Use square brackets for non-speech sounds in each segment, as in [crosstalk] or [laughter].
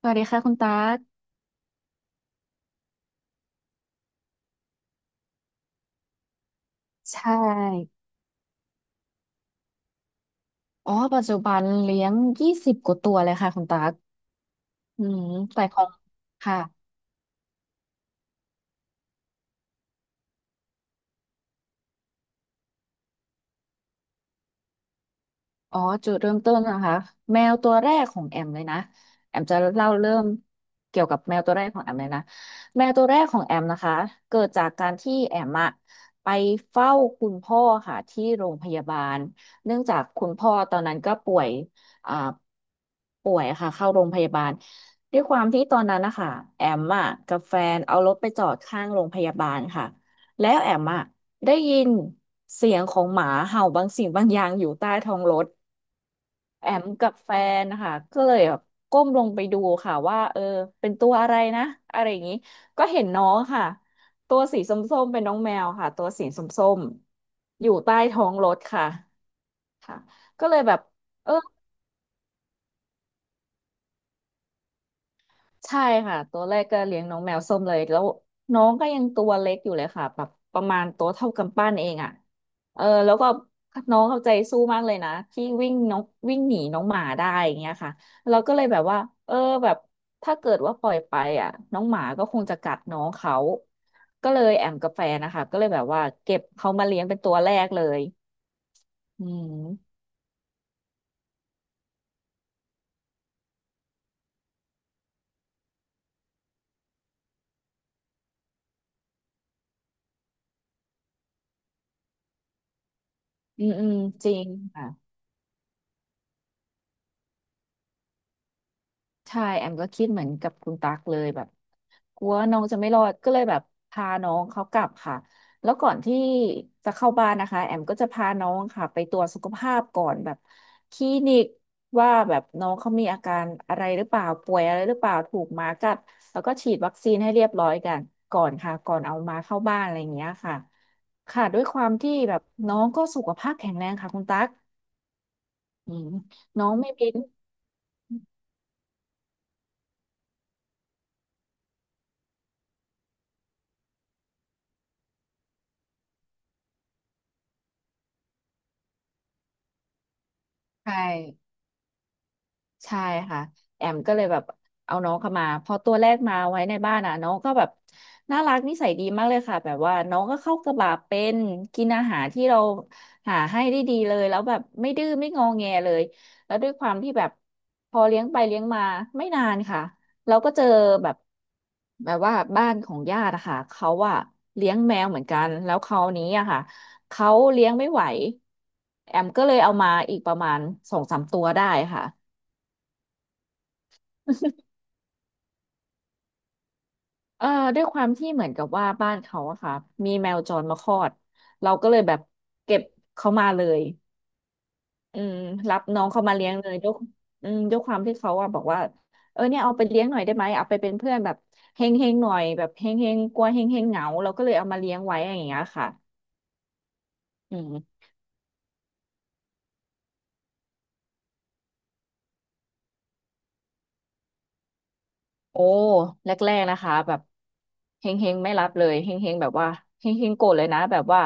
สวัสดีค่ะคุณตั๊กใช่อ๋อปัจจุบันเลี้ยง20กว่าตัวเลยค่ะคุณตั๊กอืมแต่ของค่ะ อ๋อจุดเริ่มต้นนะคะแมวตัวแรกของแอมเลยนะแอมจะเล่าเริ่มเกี่ยวกับแมวตัวแรกของแอมเลยนะแมวตัวแรกของแอมนะคะเกิดจากการที่แอมอะไปเฝ้าคุณพ่อค่ะที่โรงพยาบาลเนื่องจากคุณพ่อตอนนั้นก็ป่วยอ่าป่วยค่ะเข้าโรงพยาบาลด้วยความที่ตอนนั้นนะคะแอมอะกับแฟนเอารถไปจอดข้างโรงพยาบาลค่ะแล้วแอมอะได้ยินเสียงของหมาเห่าบางสิ่งบางอย่างอยู่ใต้ท้องรถ แอมกับแฟนนะคะก็เลยแบบก้มลงไปดูค่ะว่าเออเป็นตัวอะไรนะอะไรอย่างนี้ก็เห็นน้องค่ะตัวสีส้มๆเป็นน้องแมวค่ะตัวสีส้มๆอยู่ใต้ท้องรถค่ะค่ะก็เลยแบบเออ ใช่ค่ะตัวแรกก็เลี้ยงน้องแมวส้มเลยแล้วน้องก็ยังตัวเล็กอยู่เลยค่ะแบบประมาณตัวเท่ากำปั้นเองอ่ะเออแล้วก็น้องเอาใจสู้มากเลยนะที่วิ่งน้องวิ่งหนีน้องหมาได้อย่างเงี้ยค่ะเราก็เลยแบบว่าเออแบบถ้าเกิดว่าปล่อยไปอ่ะน้องหมาก็คงจะกัดน้องเขาก็เลยแอมกับแฟนนะคะก็เลยแบบว่าเก็บเขามาเลี้ยงเป็นตัวแรกเลยอืมอืมอืมจริงค่ะใช่แอมก็คิดเหมือนกับคุณตั๊กเลยแบบ กลัวน้องจะไม่รอดก็เลยแบบพาน้องเขากลับค่ะแล้วก่อนที่จะเข้าบ้านนะคะแอมก็จะพาน้องค่ะไปตรวจสุขภาพก่อนแบบคลินิกว่าแบบน้องเขามีอาการอะไรหรือเปล่าป่วยอะไรหรือเปล่าถูกหมากัดแล้วก็ฉีดวัคซีนให้เรียบร้อยกันก่อนค่ะก่อนเอามาเข้าบ้านอะไรอย่างเงี้ยค่ะค่ะด้วยความที่แบบน้องก็สุขภาพแข็งแรงค่ะคุณตั๊กอืมน้องไม่เป็นใช่ ใช่ค่ะแอมก็เลยแบบเอาน้องเข้ามาพอตัวแรกมาไว้ในบ้านอ่ะน้องก็แบบน่ารักนิสัยดีมากเลยค่ะแบบว่าน้องก็เข้ากระบะเป็นกินอาหารที่เราหาให้ได้ดีเลยแล้วแบบไม่ดื้อไม่งอแงเลยแล้วด้วยความที่แบบพอเลี้ยงไปเลี้ยงมาไม่นานค่ะเราก็เจอแบบแบบว่าบ้านของญาติอะค่ะเขาอะเลี้ยงแมวเหมือนกันแล้วคราวนี้อะค่ะเขาเลี้ยงไม่ไหวแอมก็เลยเอามาอีกประมาณสองสามตัวได้ค่ะ เอ่อด้วยความที่เหมือนกับว่าบ้านเขาอะค่ะมีแมวจรมาคลอดเราก็เลยแบบเก็บเขามาเลยอืมรับน้องเขามาเลี้ยงเลยด้วยอืมด้วยความที่เขาอะบอกว่าเออเนี่ยเอาไปเลี้ยงหน่อยได้ไหมเอาไปเป็นเพื่อนแบบเฮงเฮงหน่อยแบบเฮงเฮงกลัวเฮงเฮงเหงาเราก็เลยเอามาเลี้ยงไว้อย่างเงี้ยค่ะอืม โอ้แรกๆนะคะแบบเฮงเฮงไม่รับเลยเฮงเฮงแบบว่าเฮงเฮงโกรธเลยนะแบบว่า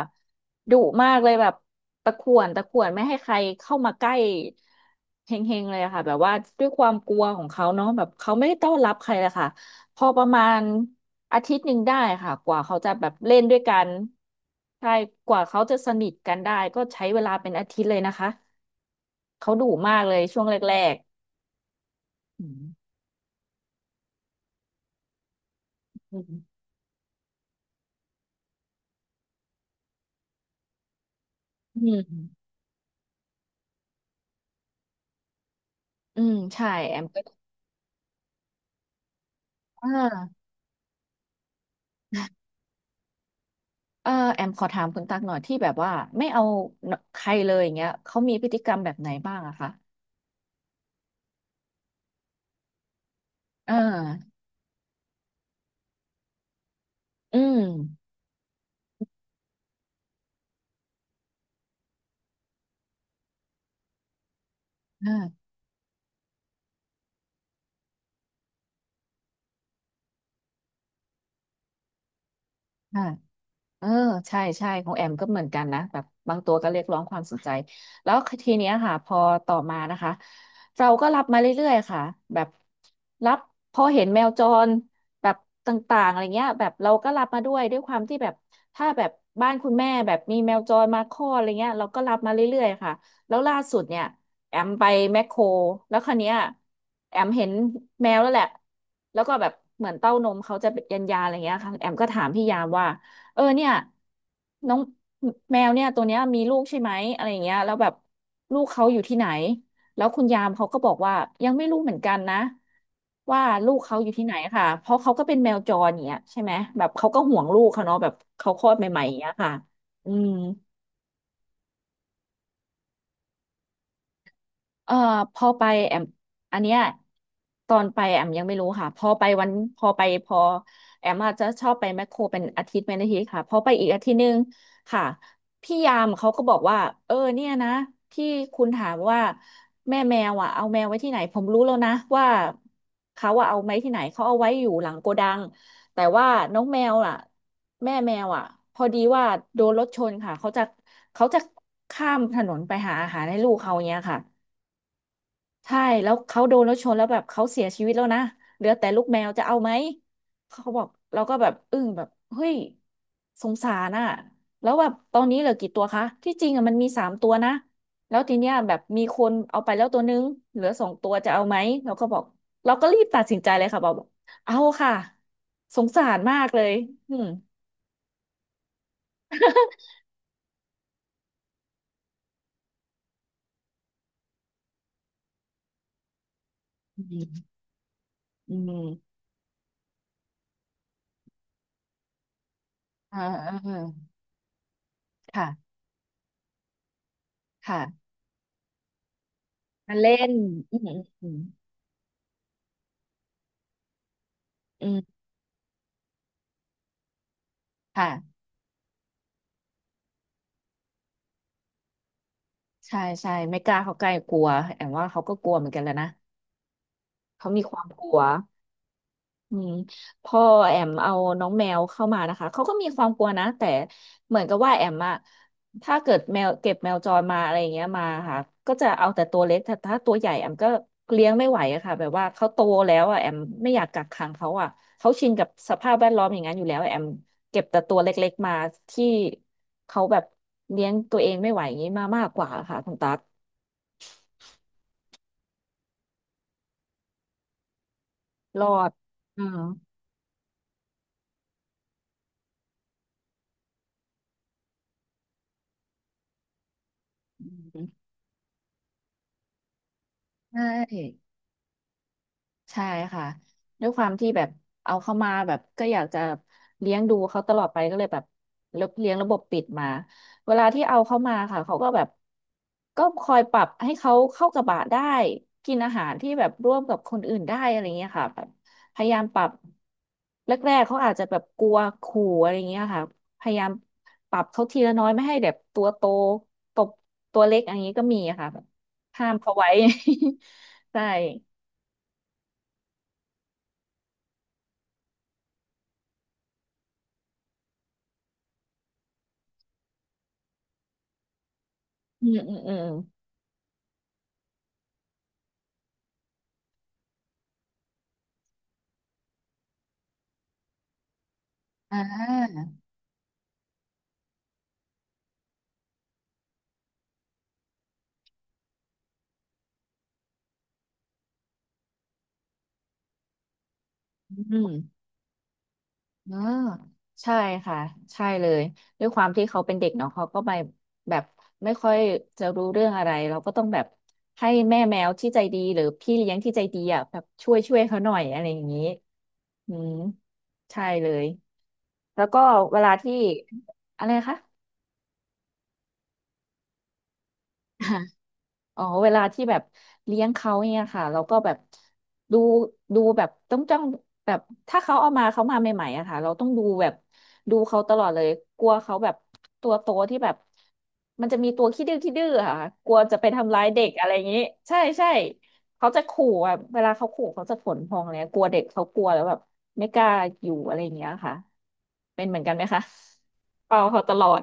ดุมากเลยแบบตะข่วนตะข่วนไม่ให้ใครเข้ามาใกล้เฮงเฮงเลยอะค่ะแบบว่าด้วยความกลัวของเขาเนาะแบบเขาไม่ได้ต้อนรับใครเลยค่ะพอประมาณอาทิตย์หนึ่งได้ค่ะกว่าเขาจะแบบเล่นด้วยกันใช่กว่าเขาจะสนิทกันได้ก็ใช้เวลาเป็นอาทิตย์เลยนะคะเขาดุมากเลยช่วงแรกๆอืมอืมอืมอืมใช่แอม อ่าเออแอมขอถามคุณตักหน่อยที่แบบว่าไม่เอาใครเลยอย่างเงี้ยเขา มีพฤติกรรมแบบไหนบ้างอะคะเอ่า อืมอ่า เออใช่ใช่ของแอมก็เหมือนกันนะแบบบางตัวก็เรียกร้องความสนใจแล้วทีเนี้ยค่ะพอต่อมานะคะเราก็รับมาเรื่อยๆค่ะแบบรับพอเห็นแมวจรแบบต่างๆอะไรเงี้ยแบบเราก็รับมาด้วยด้วยความที่แบบถ้าแบบบ้านคุณแม่แบบมีแมวจรมาคลอดอะไรเงี้ยเราก็รับมาเรื่อยๆค่ะแล้วล่าสุดเนี่ยแอมไปแมคโครแล้วคันเนี้ยแอมเห็นแมวแล้วแหละแล้วก็แบบเหมือนเต้านมเขาจะเป็นยันยาอะไรเงี้ยค่ะแอมก็ถามพี่ยามว่า เออเนี่ยน้องแมวเนี่ยตัวเนี้ยมีลูกใช่ไหมอะไรอย่างเงี้ยแล้วแบบลูกเขาอยู่ที่ไหนแล้วคุณยามเขาก็บอกว่ายังไม่รู้เหมือนกันนะว่าลูกเขาอยู่ที่ไหนค่ะเพราะเขาก็เป็นแมวจรอย่างเงี้ยใช่ไหมแบบเขาก็ห่วงลูกเขาเนาะแบบเขาคลอดใหม่ๆอย่างเงี้ยค่ะอืม เอ่อพอไปแอมอันเนี้ยตอนไปแอมยังไม่รู้ค่ะพอไปวันพอไปพอแอมอาจจะชอบไปแมคโครเป็นอาทิตย์เป็นอาทิตย์ค่ะพอไปอีกอาทิตย์หนึงค่ะพี่ยามเขาก็บอกว่าเออเนี่ยนะที่คุณถามว่าแม่แมวอ่ะเอาแมวไว้ที่ไหนผมรู้แล้วนะว่าเขาว่าเอาไว้ที่ไหนเขาเอาไว้อยู่หลังโกดังแต่ว่าน้องแมวอ่ะแม่แมวอ่ะพอดีว่าโดนรถชนค่ะเขาจะเขาจะข้ามถนนไปหาอาหารให้ลูกเขาอย่างเงี้ยค่ะ ใช่แล้วเขาโดนรถชนแล้วแบบเขาเสียชีวิตแล้วนะเหลือแต่ลูกแมวจะเอาไหมเขาบอกเราก็แบบอึ้งแบบเฮ้ยสงสารน่ะแล้วแบบตอนนี้เหลือกี่ตัวคะที่จริงอ่ะมันมีสามตัวนะแล้วทีเนี้ยแบบมีคนเอาไปแล้วตัวนึงเหลือสองตัวจะเอาไหมเราก็บอกเราก็รีบตัดสินใจเลยค่ะบอกเอาค่ะสงสารมากเลยอืมอืมอืมอ่าอ่าอ่าค่ะค่ะมาเล่นอืมอืมอืมค่ะ ใช่ใช่ไม่กล้าเขาใกล้กลัวแอมว่าเขาก็กลัวเหมือนกันแหล้วนะเขามีความกลัวอืมพอแอมเอาน้องแมวเข้ามานะคะเขาก็มีความกลัวนะแต่เหมือนกับว่าแอมอะถ้าเกิดแมวเก็บแมวจรมาอะไรอย่างเงี้ยมาค่ะก็จะเอาแต่ตัวเล็กแต่ถ้าตัวใหญ่แอมก็เลี้ยงไม่ไหวอะค่ะแบบว่าเขาโตแล้วอะแอมไม่อยากกักขังเขาอะเขาชินกับสภาพแวดล้อมอย่างนั้นอยู่แล้วแอมเก็บแต่ตัวเล็กๆมาที่เขาแบบเลี้ยงตัวเองไม่ไหวอย่างนี้มามากกว่าค่ะคุณตั๊ก รอดอือืมใช่ ใช่ค่ะด้วยความที่แบบเอาเข้ามาแบบก็อยากจะเลี้ยงดูเขาตลอดไปก็เลยแบบเลี้ยงระบบปิดมาเวลาที่เอาเข้ามาค่ะเขาก็แบบก็คอยปรับให้เขาเข้ากับบะได้กินอาหารที่แบบร่วมกับคนอื่นได้อะไรเงี้ยค่ะแบบพยายามปรับแรกๆเขาอาจจะแบบกลัวขู่อะไรเงี้ยค่ะพยายามปรับเขาทีละน้อยไม่ให้แบบตัวโตตบตัวเล็กอันนี้ก็มีอะค่ะแบบห้ามเขาไว้ [laughs] ใช่อืมอืมอืม อ่าอืมเออใช่ค่ะ ใช่เลยด้วยความที่เขาเป็นเด็กเนาะเขาก็ไปแบบไม่ค่อยจะรู้เรื่องอะไรเราก็ต้องแบบให้แม่แมวที่ใจดีหรือพี่เลี้ยงที่ใจดีอ่ะแบบช่วยช่วยเขาหน่อยอะไรอย่างนี้อืมใช่เลยแล้วก็เวลาที่อะไรนะคะ อ๋อเวลาที่แบบเลี้ยงเขาเนี่ยค่ะเราก็แบบดูดูแบบต้องจ้องแบบถ้าเขาเอามาเขามาใหม่ๆอะค่ะเราต้องดูแบบดูเขาตลอดเลยกลัวเขาแบบตัวโตที่แบบมันจะมีตัวขี้ดื้อขี้ดื้ออะค่ะกลัวจะไปทำร้ายเด็กอะไรอย่างนี้ใช่ใช่เขาจะขู่อะเวลาเขาขู่เขาจะขนพองเลยกลัวเด็กเขากลัวแล้วแบบไม่กล้าอยู่อะไรอย่างเงี้ยค่ะเป็นเหมือนกันไหมคะเฝ้าเขาตลอด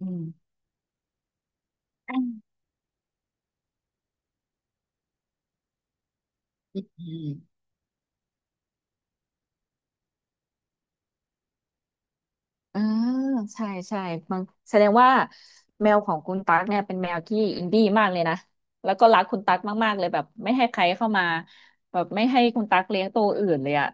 อืมอืม อ่าใช่ใช่บางแสดงว่าแมวของคุณตั๊กเนี่ยเป็นแมวที่อินดี้มากเลยนะแล้วก็รักคุณตั๊กมากๆเลยแบบไม่ให้ใครเข้ามาแบบไม่ให้คุณตั๊กเลี้ยงตัวอื่นเลยอ่ะ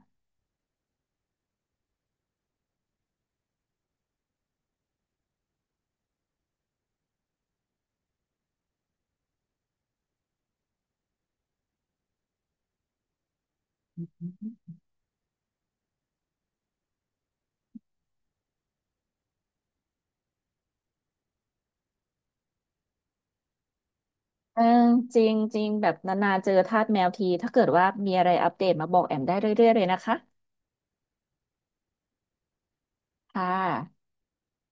เออจริงจริงแบบนานๆเจอทาสแมวทีถ้าเกิดว่ามีอะไรอัปเดตมาบอกแอมได้เรื่อยๆเลยนะคะค่ะ